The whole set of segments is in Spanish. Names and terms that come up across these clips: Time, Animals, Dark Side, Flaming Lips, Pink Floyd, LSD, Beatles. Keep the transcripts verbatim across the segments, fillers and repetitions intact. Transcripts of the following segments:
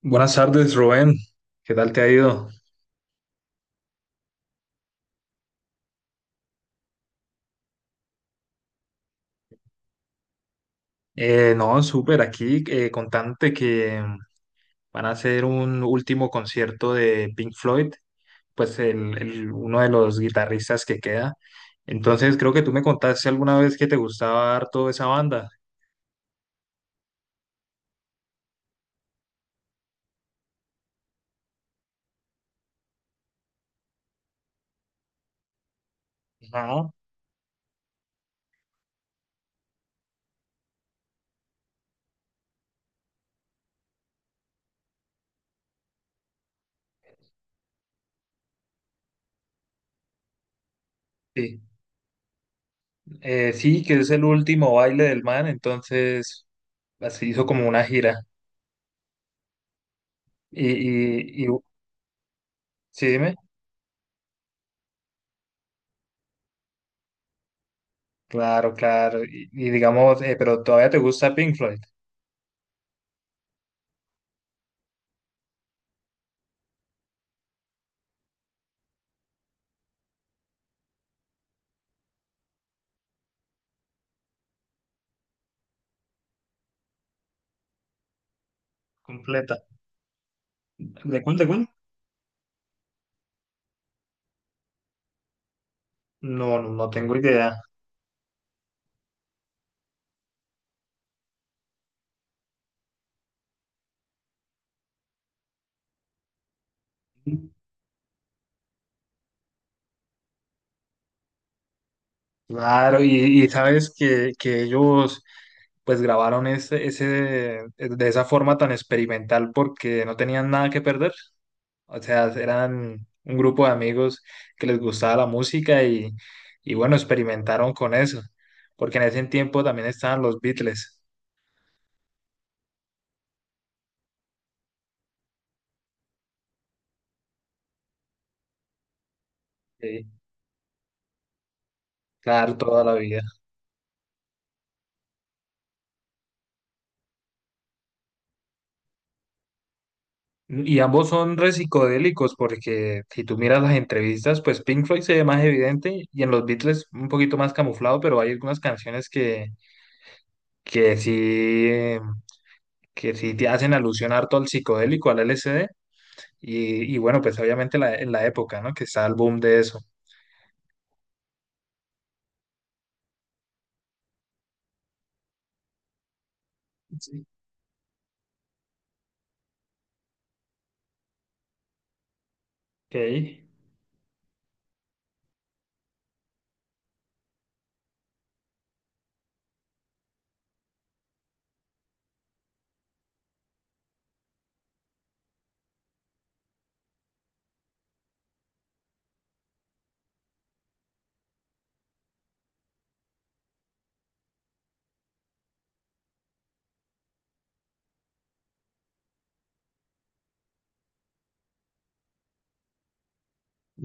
Buenas tardes, Rubén. ¿Qué tal te ha ido? Eh, no, Súper. Aquí eh, contante que van a hacer un último concierto de Pink Floyd, pues el, el- uno de los guitarristas que queda. Entonces, creo que tú me contaste alguna vez que te gustaba harto esa banda. Ajá. Sí. Eh, sí, que es el último baile del man. Entonces, así hizo como una gira. Y, y, y sí, dime. Claro, claro. Y, y digamos, eh, pero todavía te gusta Pink Floyd. Completa. ¿De cuál, de cuál? No, no, no tengo idea. Claro, y, y sabes que, que ellos pues grabaron ese, ese, de esa forma tan experimental porque no tenían nada que perder. O sea, eran un grupo de amigos que les gustaba la música y, y bueno, experimentaron con eso. Porque en ese tiempo también estaban los Beatles. Sí. Claro, toda la vida. Y ambos son re psicodélicos porque si tú miras las entrevistas, pues Pink Floyd se ve más evidente y en los Beatles un poquito más camuflado, pero hay algunas canciones que, que sí, eh, que sí te hacen alusión harto al psicodélico, al L S D. Y, y bueno, pues obviamente la, en la época, ¿no? Que está el boom de eso. Sí. Ok.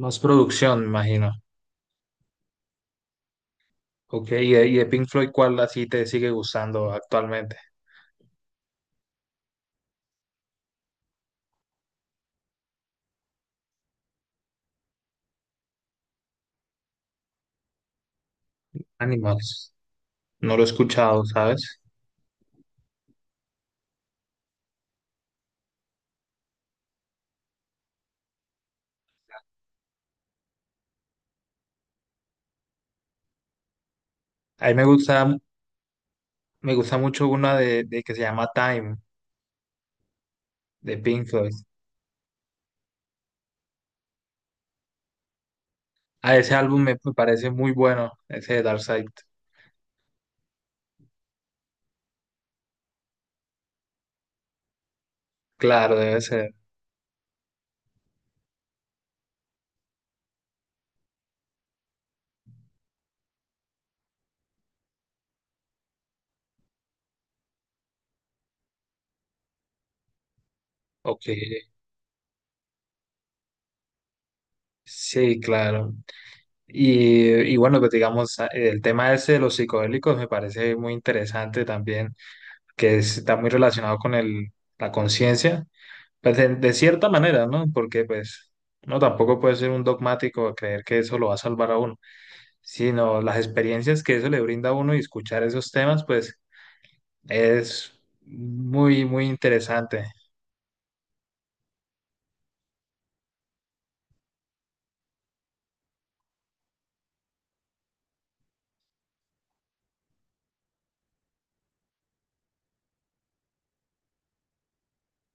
Más producción, me imagino. Ok, y de, y de Pink Floyd, ¿cuál así te sigue gustando actualmente? Animals. No lo he escuchado, ¿sabes? A mí me gusta Me gusta mucho una de, de que se llama Time, de Pink Floyd. A ese álbum me, me parece muy bueno, ese de Dark Side. Claro, debe ser. Ok, sí, claro. Y, y bueno, pues digamos, a- el tema ese de los psicodélicos me parece muy interesante también, que es- está muy relacionado con el, la conciencia, pues de, de cierta manera, ¿no? Porque pues no tampoco puede ser un dogmático a creer que eso lo va a salvar a uno, sino las experiencias que eso le brinda a uno y escuchar esos temas, pues es muy, muy interesante.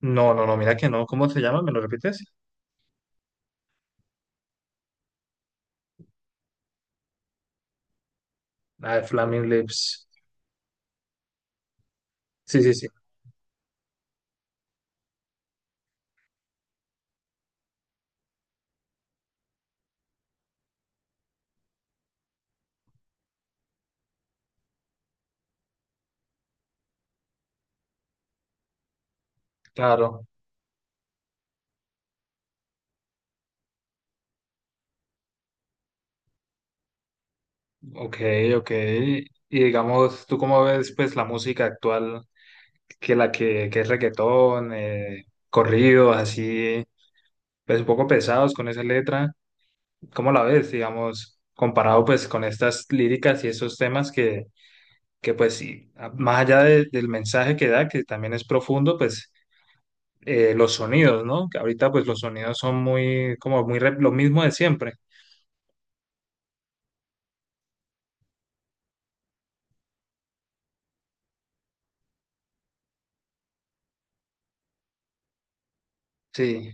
No, no, no, mira que no. ¿Cómo se llama? ¿Me lo repites? Ah, Flaming Lips. Sí, sí, sí. Claro. Ok, ok. Y digamos, ¿tú cómo ves pues la música actual que la que, que es reggaetón, eh, corridos así, pues un poco pesados con esa letra? ¿Cómo la ves, digamos, comparado pues con estas líricas y esos temas que, que pues sí, más allá de- del mensaje que da, que también es profundo, pues eh, los sonidos, ¿no? Que ahorita pues los sonidos son muy, como muy rep- lo mismo de siempre. Sí,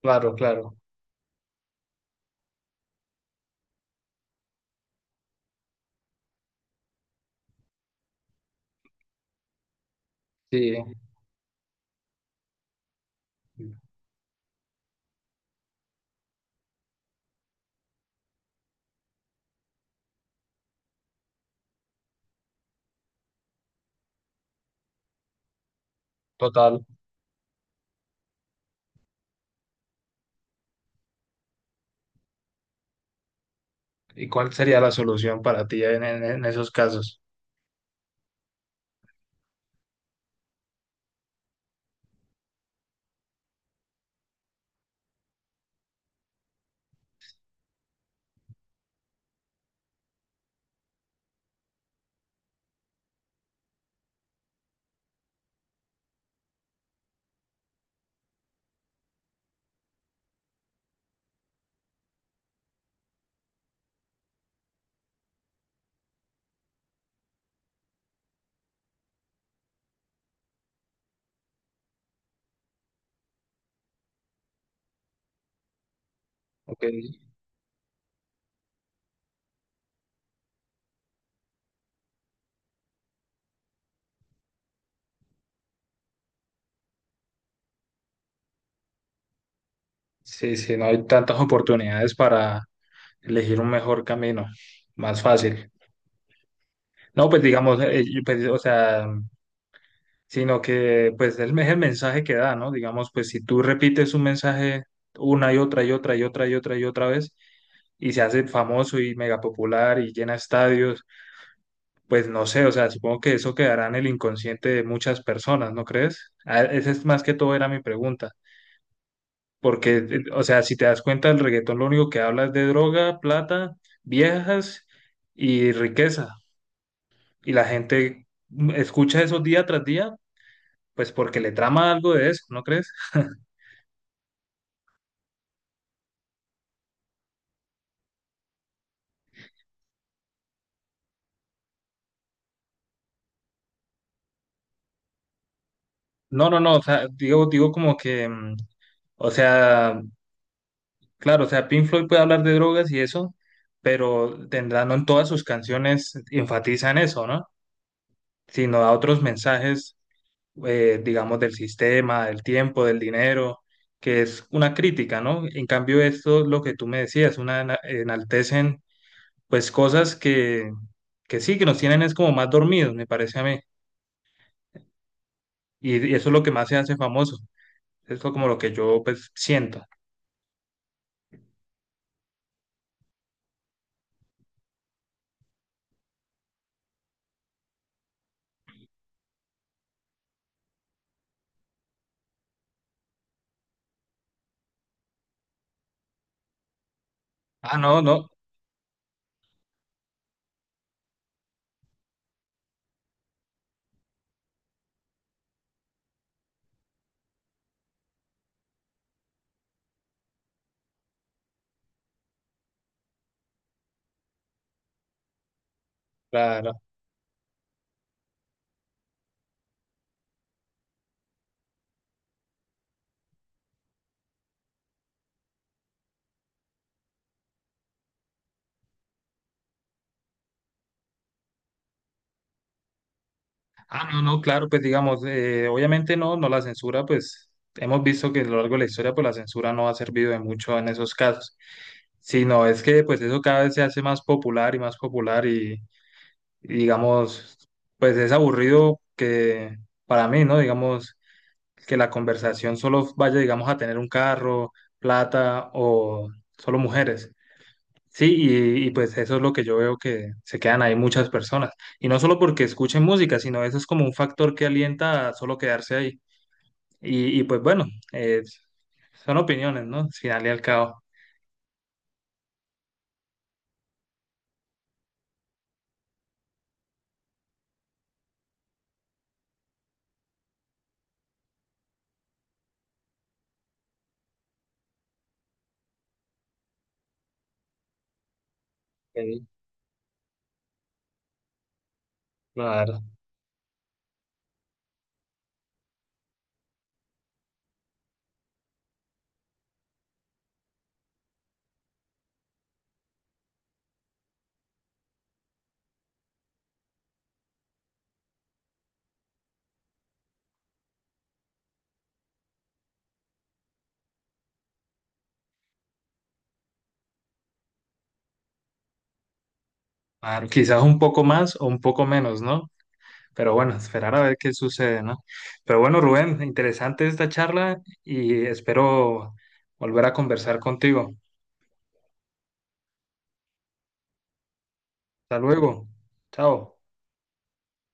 claro, claro. Sí, total. ¿Y cuál sería la solución para ti en, en- en esos casos? Ok. Sí, sí, no hay tantas oportunidades para elegir un mejor camino, más fácil. No, pues digamos, eh, yo, pues, o sea, sino que pues el, es el mensaje que da, ¿no? Digamos, pues si tú repites un mensaje una y otra y otra y otra y otra y otra vez y se hace famoso y mega popular y llena estadios, pues no sé, o sea, supongo que eso quedará en el inconsciente de muchas personas, ¿no crees? A- Esa es más que todo era mi pregunta, porque, eh, o sea, si te das cuenta, el reggaetón lo único que habla es de droga, plata, viejas y riqueza, y la gente mm, escucha eso día tras día, pues porque le trama algo de eso, ¿no crees? No, no, no, o sea, digo, digo como que, mm, o sea, claro, o sea, Pink Floyd puede hablar de drogas y eso, pero tendrá, no en todas sus canciones enfatizan eso, ¿no? Sino da otros mensajes, eh, digamos, del sistema, del tiempo, del dinero, que es una crítica, ¿no? En cambio, esto, lo que tú me decías, una ena- enaltecen, pues, cosas que, que sí, que nos tienen es como más dormidos, me parece a mí, y, y eso es lo que más se hace famoso, eso es como lo que yo, pues, siento. Ah, no, no. Claro. Ah, no, no, claro, pues digamos, eh, obviamente no, no la censura, pues hemos visto que a lo largo de la historia, pues la censura no ha servido de mucho en esos casos, sino es que pues eso cada vez se hace más popular y más popular y, y, digamos, pues es aburrido que para mí, ¿no? Digamos, que la conversación solo vaya, digamos, a tener un carro, plata o solo mujeres. Sí, y, y pues eso es lo que yo veo que se quedan ahí muchas personas. Y no solo porque escuchen música, sino eso es como un factor que alienta a solo quedarse ahí. Y, y pues bueno, eh, son opiniones, ¿no? Al final y al cabo. Sí, claro. Claro, quizás un poco más o un poco menos, ¿no? Pero bueno, esperar a ver qué sucede, ¿no? Pero bueno, Rubén, interesante esta charla y espero volver a conversar contigo. Hasta luego. Chao.